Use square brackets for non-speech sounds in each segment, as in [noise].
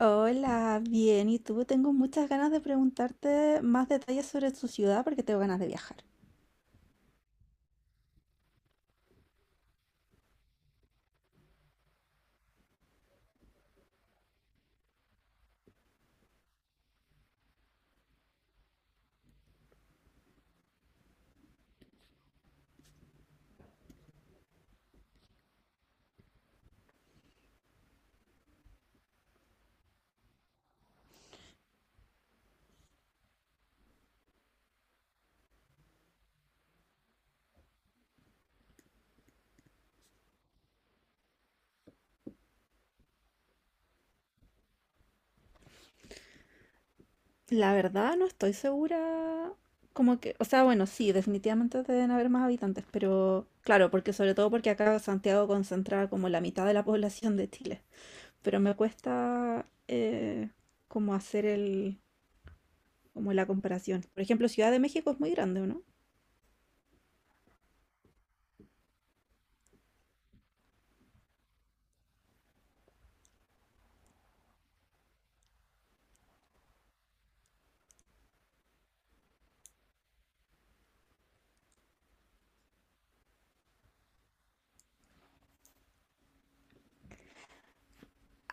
Hola, bien. ¿Y tú? Tengo muchas ganas de preguntarte más detalles sobre tu ciudad porque tengo ganas de viajar. La verdad, no estoy segura. Como que, o sea, bueno, sí, definitivamente deben haber más habitantes, pero claro, porque sobre todo porque acá Santiago concentra como la mitad de la población de Chile. Pero me cuesta como hacer como la comparación. Por ejemplo, Ciudad de México es muy grande, ¿o no?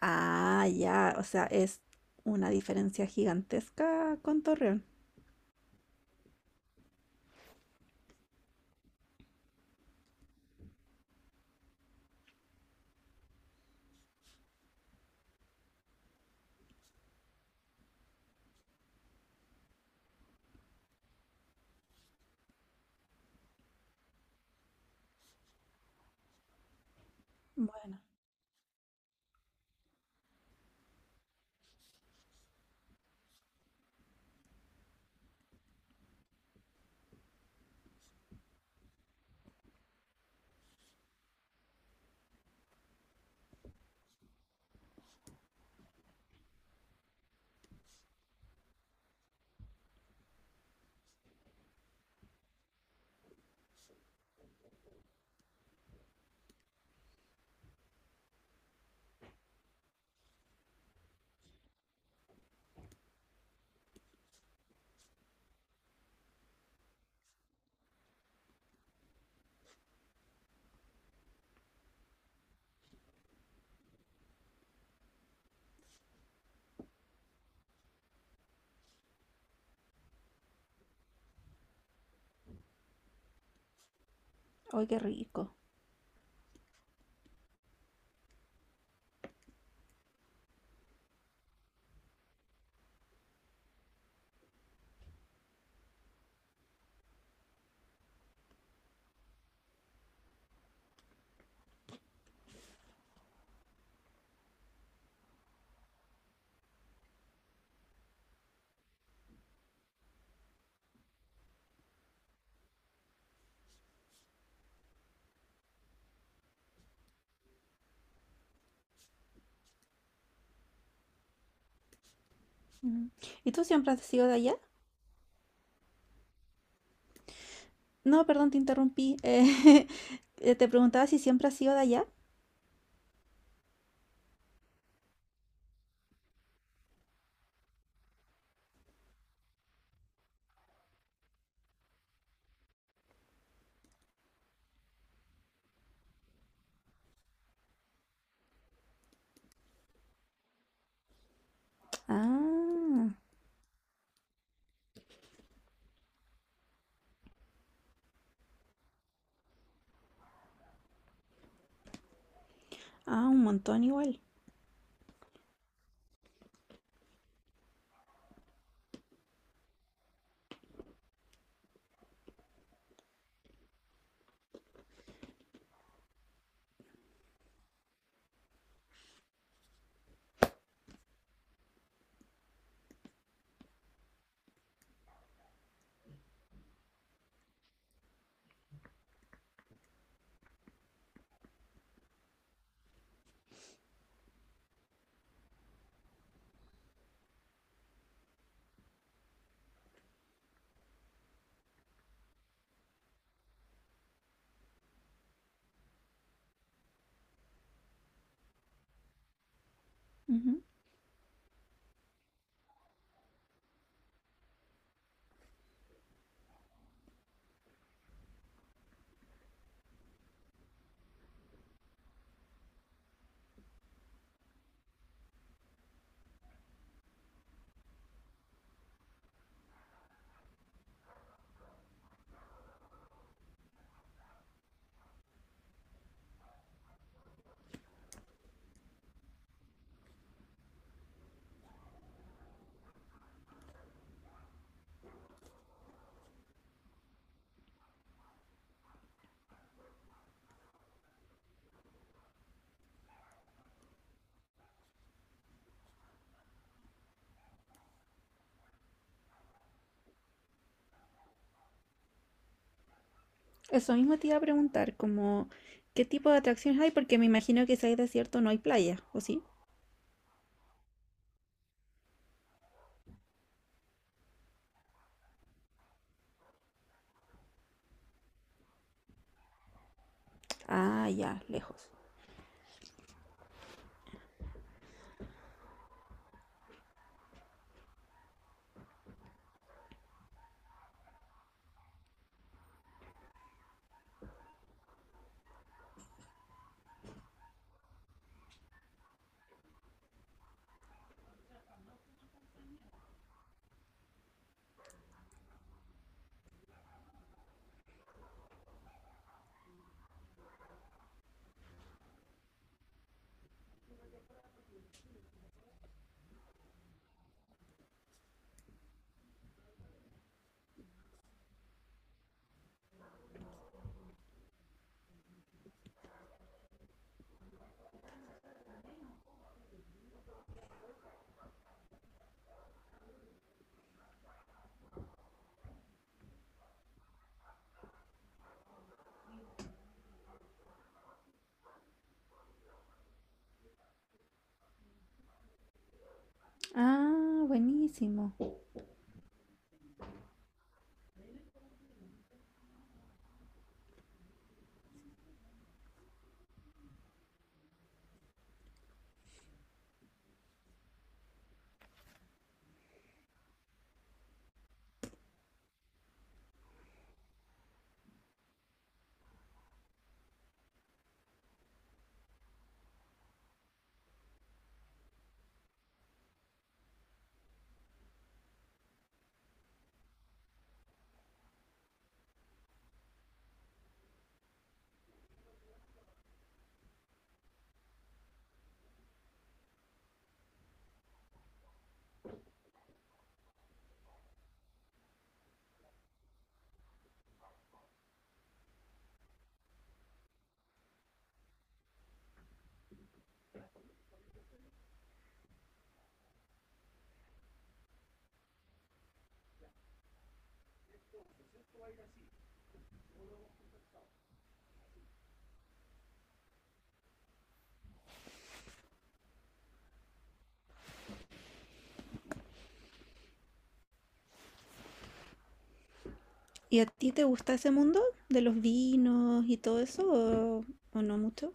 Ah, ya, o sea, es una diferencia gigantesca con Torreón. Bueno. Ay, qué rico. Mm. ¿Y tú siempre has sido de allá? No, perdón, te interrumpí. [laughs] Te preguntaba si siempre has sido de allá. Ah, ah, un montón igual. Ujú. Eso mismo te iba a preguntar, como qué tipo de atracciones hay, porque me imagino que si hay desierto no hay playa, ¿o sí? Ah, ya, lejos. Ah, buenísimo. ¿Y a ti te gusta ese mundo de los vinos y todo eso o, o no mucho?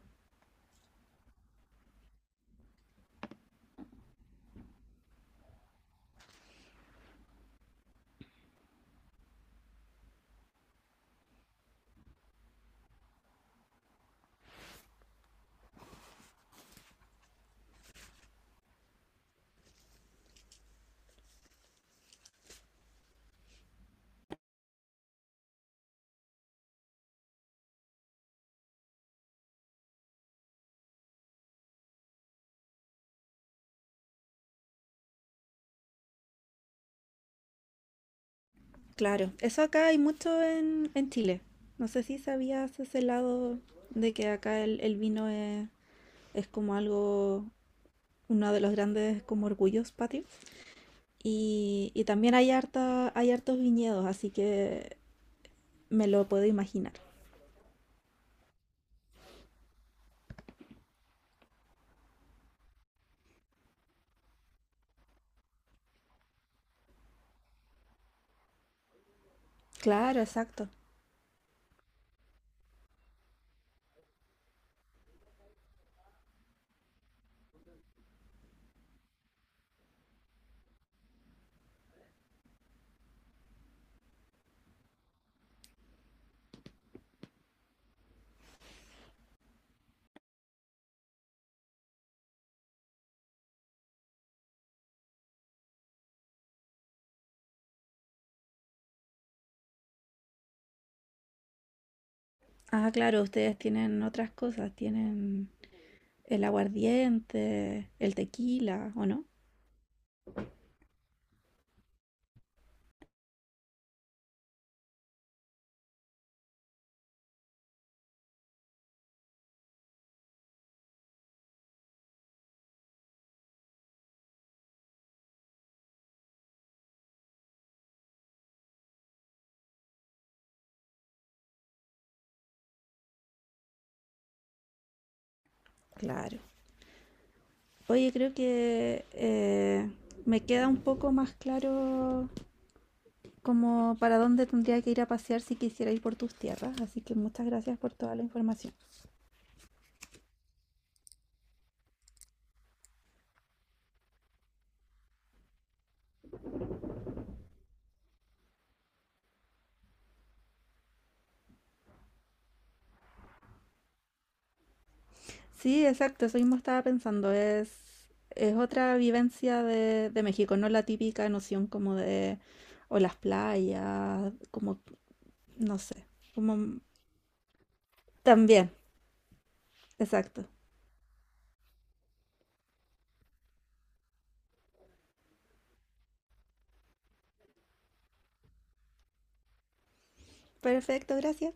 Claro, eso acá hay mucho en Chile. No sé si sabías ese lado de que acá el vino es como algo, uno de los grandes como orgullos patrios. Y también hay harta, hay hartos viñedos, así que me lo puedo imaginar. Claro, exacto. Ah, claro, ustedes tienen otras cosas, tienen el aguardiente, el tequila, ¿o no? Claro. Oye, creo que me queda un poco más claro como para dónde tendría que ir a pasear si quisiera ir por tus tierras. Así que muchas gracias por toda la información. Sí, exacto, eso mismo estaba pensando. Es otra vivencia de México, no la típica noción como de, o las playas, como, no sé, como también, exacto. Perfecto, gracias.